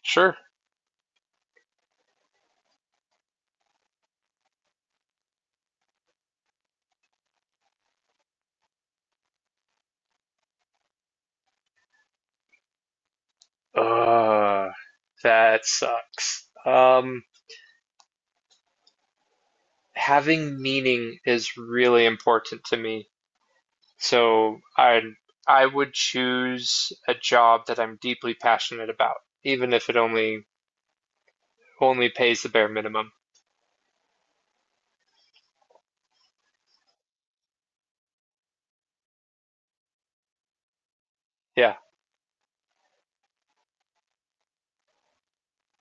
Sure. Uh, that sucks. Having meaning is really important to me. So I would choose a job that I'm deeply passionate about, even if it only pays the bare minimum. Yeah.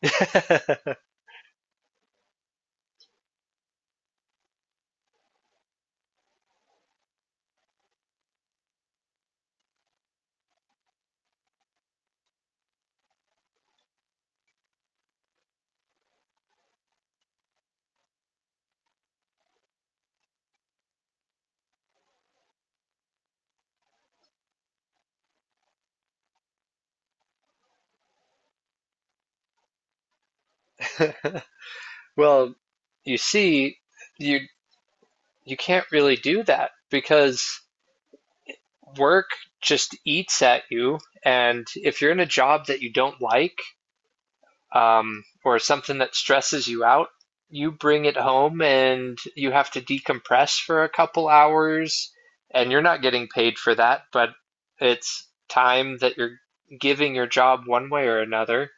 Well, you see, you you can't really do that because work just eats at you, and if you're in a job that you don't like, or something that stresses you out, you bring it home and you have to decompress for a couple hours and you're not getting paid for that, but it's time that you're giving your job one way or another.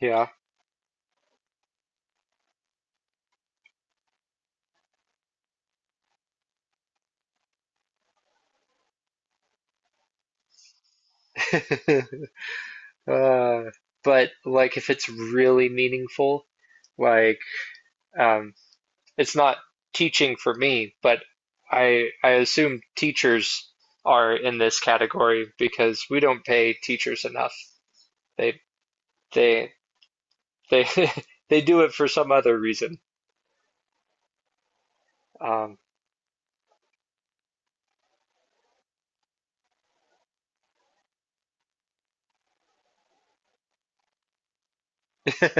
Yeah. uh, but like if it's really meaningful, like um, it's not teaching for me, but I assume teachers are in this category because we don't pay teachers enough. They They they they do it for some other reason. Um,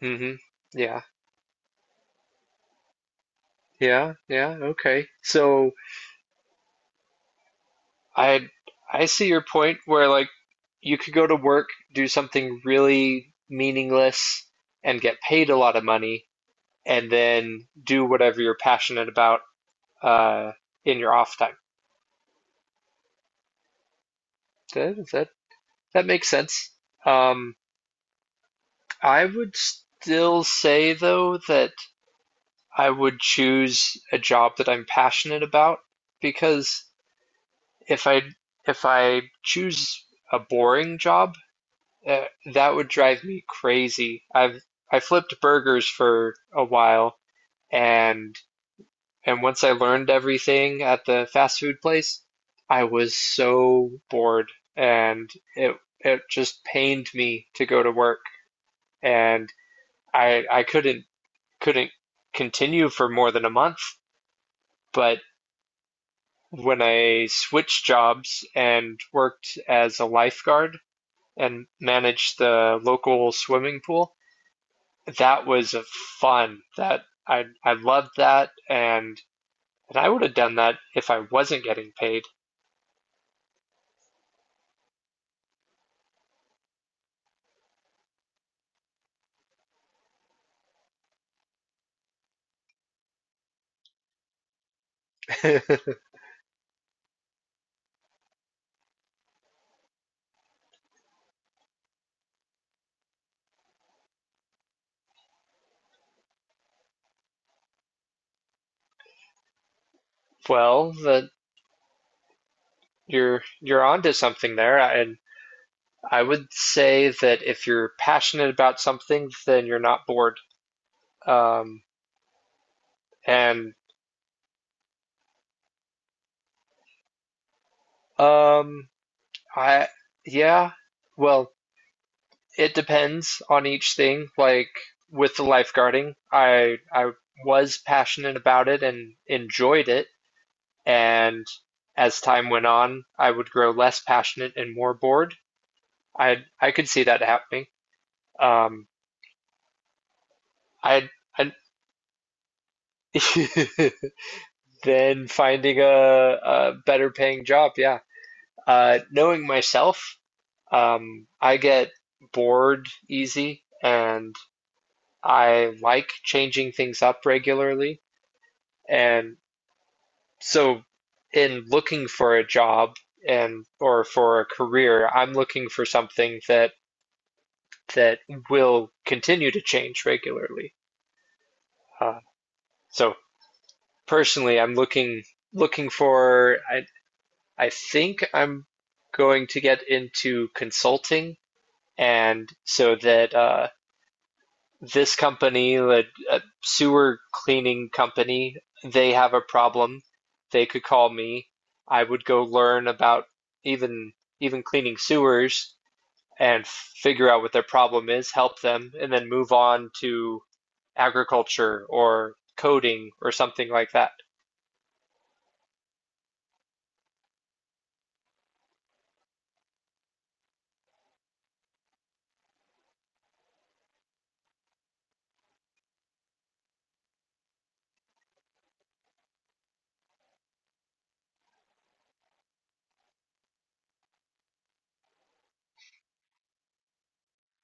hmm. Yeah, yeah, yeah. Okay. So I I see your point where like you could go to work, do something really meaningless, and get paid a lot of money, and then do whatever you're passionate about uh, in your off time. That that that makes sense. Um, I would still say though that I would choose a job that I'm passionate about because if I if I choose a boring job, uh, that would drive me crazy. I flipped burgers for a while and and once I learned everything at the fast food place, I was so bored and it just pained me to go to work and I couldn't continue for more than a month, but when I switched jobs and worked as a lifeguard and managed the local swimming pool. That was fun. That I loved that and I would have done that if I wasn't getting paid. Well, that you're onto something there. And I would say that if you're passionate about something, then you're not bored. Um, and um, I yeah, well, it depends on each thing. Like with the lifeguarding, I was passionate about it and enjoyed it. And as time went on, I would grow less passionate and more bored. I could see that happening. Um, I, I then finding a better paying job. Yeah. Knowing myself, I get bored easy and I like changing things up regularly. And So in looking for a job and or for a career, I'm looking for something that will continue to change regularly. Uh, so personally, I'm looking for I think I'm going to get into consulting and so that this company, a sewer cleaning company, they have a problem. They could call me. I would go learn about even even cleaning sewers and figure out what their problem is, help them, and then move on to agriculture or coding or something like that.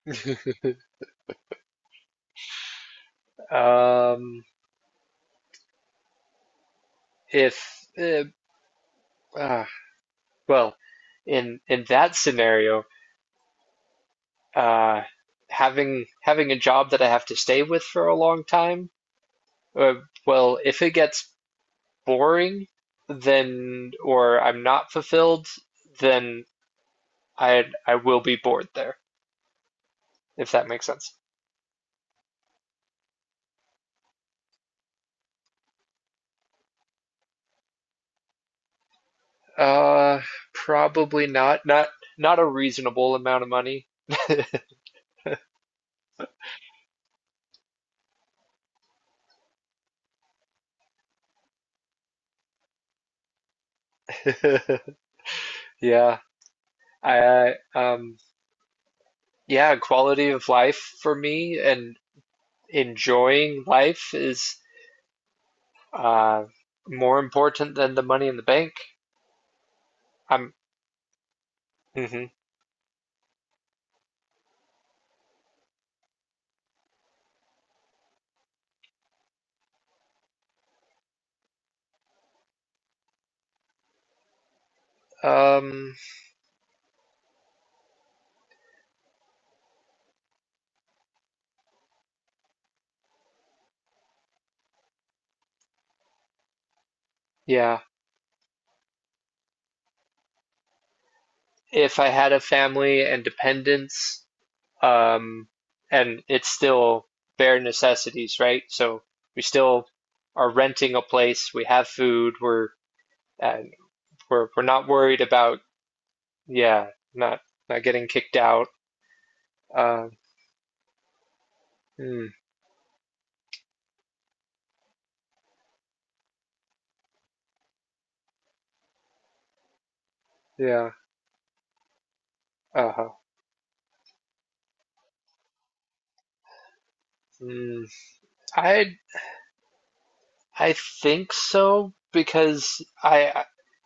um, if uh, uh, well, In that scenario, uh, having a job that I have to stay with for a long time. Uh, well, if it gets boring, then or I'm not fulfilled, then I will be bored there, if that makes sense. Uh, Probably not. Not a reasonable amount of money. Yeah. I yeah, quality of life for me and enjoying life is uh more important than the money in the bank. I'm mhm. Um yeah. If I had a family and dependents, um, and it's still bare necessities, right? So we still are renting a place, we have food, we're and we're not worried about yeah, not not getting kicked out. Um, mm, yeah, uh-huh. Mm, I I think so because I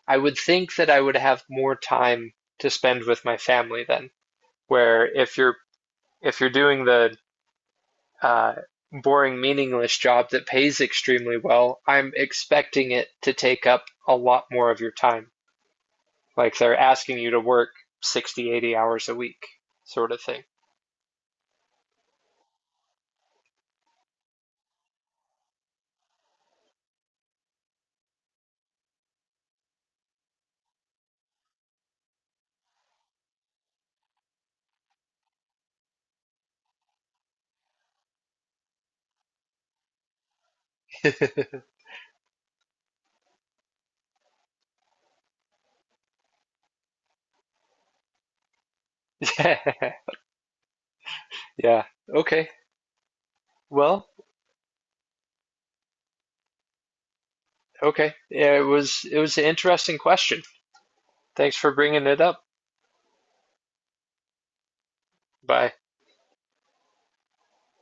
I would think that I would have more time to spend with my family then. Where if you're doing the uh, boring, meaningless job that pays extremely well, I'm expecting it to take up a lot more of your time. Like they're asking you to work 60, 80 hours a week, sort of thing. Yeah. Yeah. Okay. Well, okay. Yeah, it was an interesting question. Thanks for bringing it up. Bye.